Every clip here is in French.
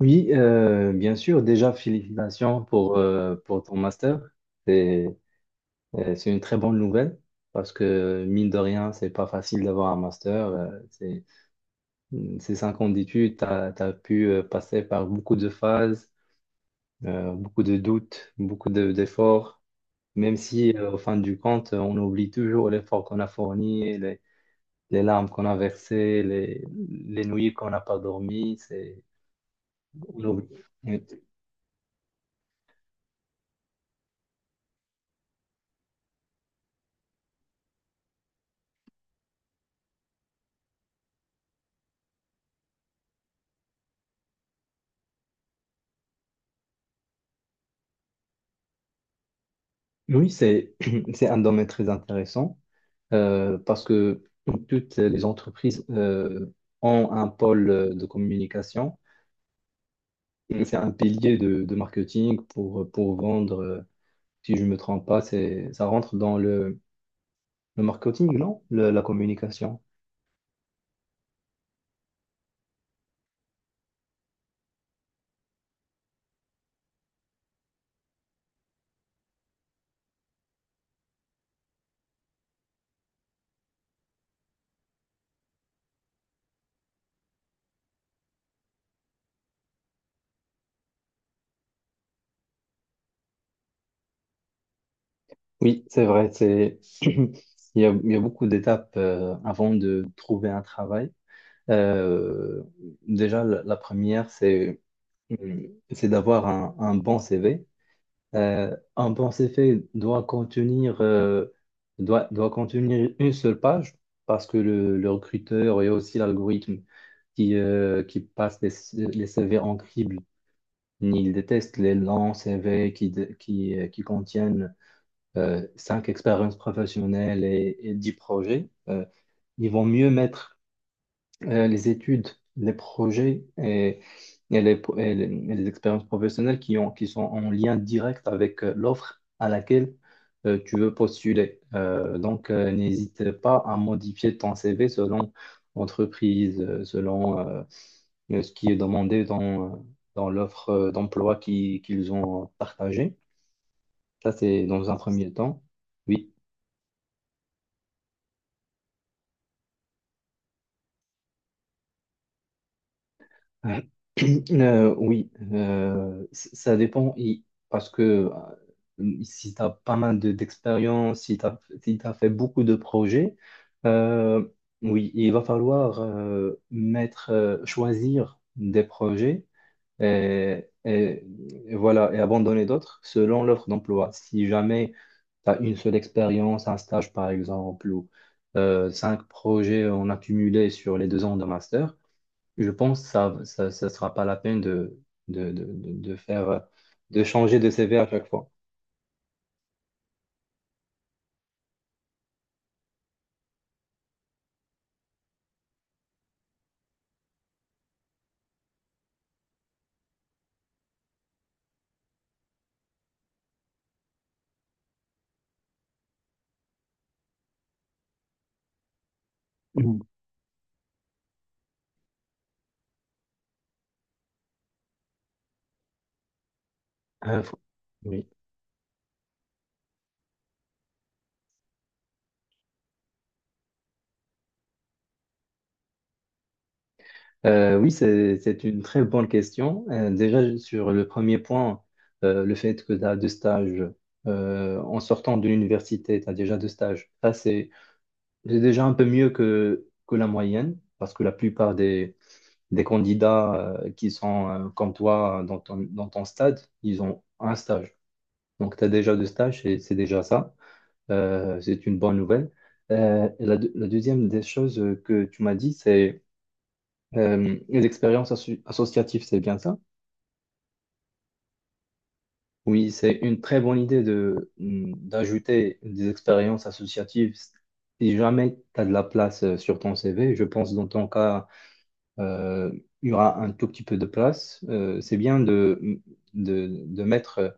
Oui, bien sûr. Déjà, félicitations pour ton master. C'est, c'est une très bonne nouvelle parce que, mine de rien, c'est pas facile d'avoir un master. Ces 5 ans d'études, tu as pu passer par beaucoup de phases, beaucoup de doutes, d'efforts, même si, au fin du compte, on oublie toujours l'effort qu'on a fourni, les larmes qu'on a versées, les nuits qu'on n'a pas dormi. On oublie. Oui. Oui, c'est c'est un domaine très intéressant, parce que toutes les entreprises ont un pôle de communication. Et c'est un pilier de marketing pour vendre. Si je ne me trompe pas, ça rentre dans le marketing, non? La communication. Oui, c'est vrai. Il y a beaucoup d'étapes avant de trouver un travail. Euh, Déjà, la première, c'est d'avoir un bon CV. Un bon CV doit contenir une seule page parce que le recruteur et aussi l'algorithme qui passe les CV en crible, il déteste les longs CV qui contiennent cinq expériences professionnelles et 10 projets. Ils vont mieux mettre les études, les projets et les expériences professionnelles qui sont en lien direct avec l'offre à laquelle tu veux postuler. Donc, n'hésite pas à modifier ton CV selon entreprise, selon ce qui est demandé dans l'offre d'emploi qu'ils ont partagée. Ça, c'est dans un premier temps. Oui. Euh, oui, ça dépend. Parce que si tu as pas mal d'expérience, si tu as, si t'as fait beaucoup de projets, euh, oui, il va falloir choisir des projets et, et- et voilà, et abandonner d'autres selon l'offre d'emploi. Si jamais tu as une seule expérience, un stage par exemple, ou cinq projets en accumulé sur les 2 ans de master, je pense que ça sera pas la peine de, de, de de faire, de changer de CV à chaque fois. Mhm. Euh, faut- oui. Oui, c'est une très bonne question. Déjà, sur le premier point, le fait que tu as deux stages en sortant de l'université, tu as déjà deux stages. Ça, c'est déjà un peu mieux que la moyenne, parce que la plupart des candidats qui sont comme toi dans ton stade, ils ont un stage. Donc, tu as déjà deux stages et c'est déjà ça. C'est une bonne nouvelle. Et la deuxième des choses que tu m'as dit, c'est les expériences associatives, c'est bien ça? Oui, c'est une très bonne idée d'ajouter des expériences associatives. Si jamais tu as de la place sur ton CV, je pense dans ton cas, euh, il y aura un tout petit peu de place. C'est bien de mettre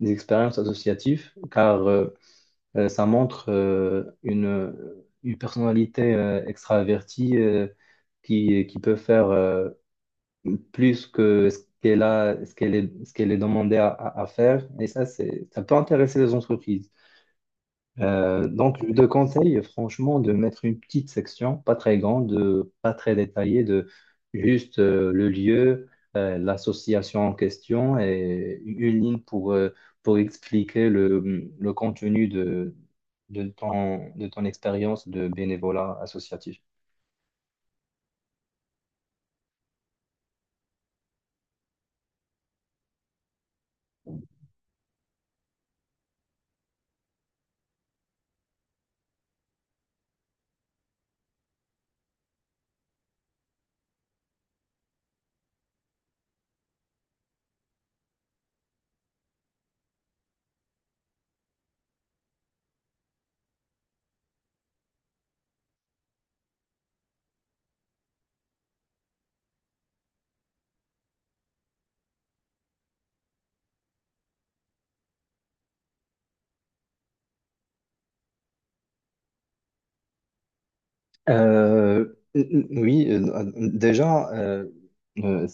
des expériences associatives, car ça montre une personnalité extravertie, qui peut faire plus que ce qu'elle a, ce qu'elle est demandée à faire. Et ça peut intéresser les entreprises. Donc, je te conseille franchement de mettre une petite section, pas très grande, pas très détaillée, de juste le lieu, l'association en question et une ligne pour expliquer le contenu de ton expérience de bénévolat associatif. Euh, oui, déjà, euh,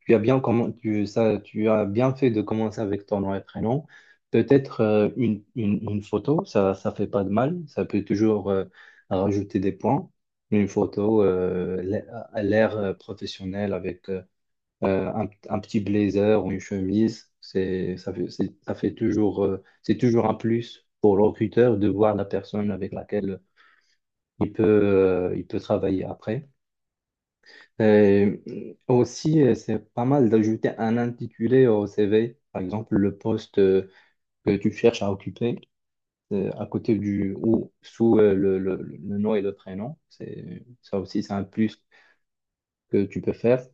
tu as bien fait de commencer avec ton nom et prénom. Peut-être une photo, ça fait pas de mal. Ça peut toujours rajouter des points. Une photo à l'air professionnel avec un petit blazer ou une chemise, c'est- ça fait toujours c'est toujours un plus pour le recruteur de voir la personne avec laquelle il peut travailler après. Et aussi, c'est pas mal d'ajouter un intitulé au CV, par exemple le poste que tu cherches à occuper à côté du ou sous le nom et le prénom. Ça aussi, c'est un plus que tu peux faire.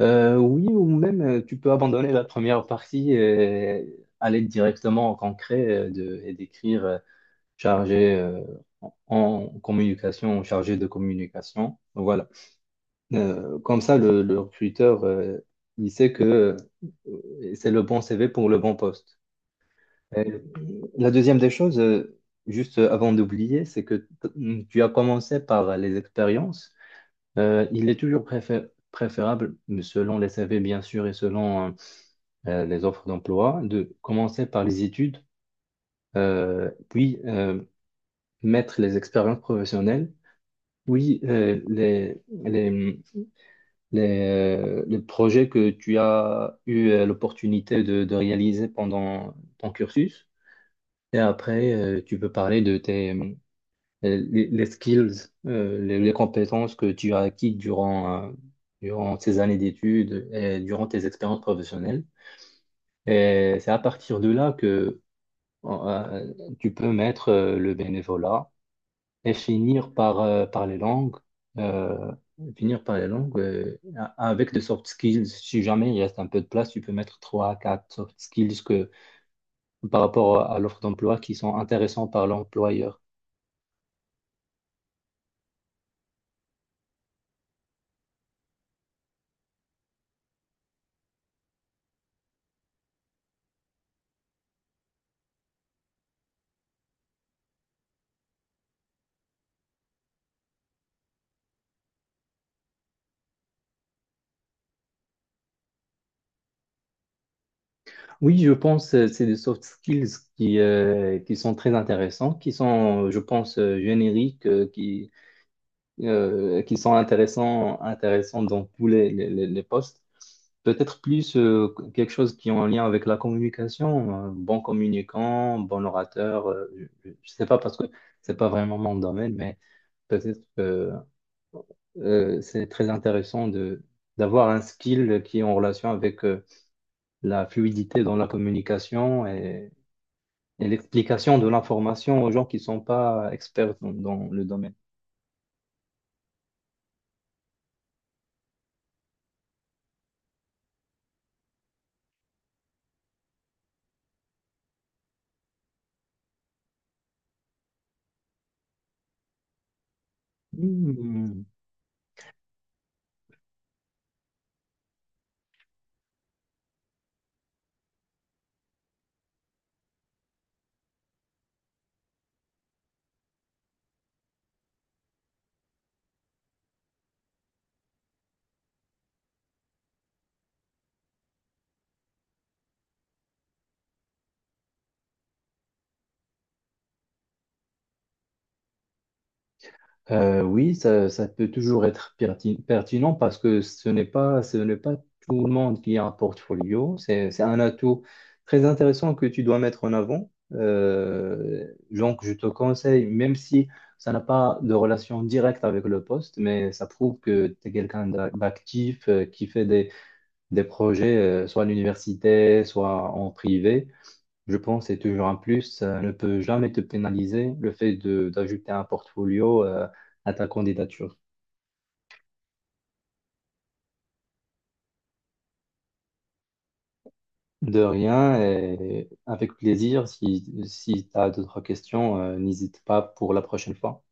Oui, ou même tu peux abandonner la première partie et aller directement au concret et d'écrire chargé en communication, chargé de communication. Voilà. Comme ça, le recruteur, il sait que c'est le bon CV pour le bon poste. Et la deuxième des choses, juste avant d'oublier, c'est que tu as commencé par les expériences. Il est toujours préférable, selon les CV bien sûr et selon les offres d'emploi, de commencer par les études, puis mettre les expériences professionnelles, puis les, les projets que tu as eu l'opportunité de réaliser pendant ton cursus. Et après, tu peux parler les skills, les compétences que tu as acquises durant ces années d'études et durant tes expériences professionnelles. Et c'est à partir de là que tu peux mettre le bénévolat et finir par les langues, euh, finir par les langues euh, avec des soft skills. Si jamais il reste un peu de place, tu peux mettre 3 à 4 soft skills par rapport à l'offre d'emploi qui sont intéressants par l'employeur. Oui, je pense c'est des soft skills qui sont très intéressants, qui sont, je pense, génériques, qui sont intéressants, intéressants dans tous les postes. Peut-être plus quelque chose qui est en lien avec la communication, bon communicant, bon orateur, je ne sais pas parce que c'est pas vraiment mon domaine, mais peut-être que c'est très intéressant de d'avoir un skill qui est en relation avec la fluidité dans la communication et l'explication de l'information aux gens qui ne sont pas experts dans le domaine. Hmm. Oui, ça peut toujours être pertinent parce que ce n'est pas tout le monde qui a un portfolio. C'est un atout très intéressant que tu dois mettre en avant. Donc, je te conseille, même si ça n'a pas de relation directe avec le poste, mais ça prouve que tu es quelqu'un d'actif, qui fait des projets, soit à l'université, soit en privé. Je pense que c'est toujours un plus. Ça ne peut jamais te pénaliser le fait de d'ajouter un portfolio à ta candidature. De rien et avec plaisir, si tu as d'autres questions, n'hésite pas pour la prochaine fois.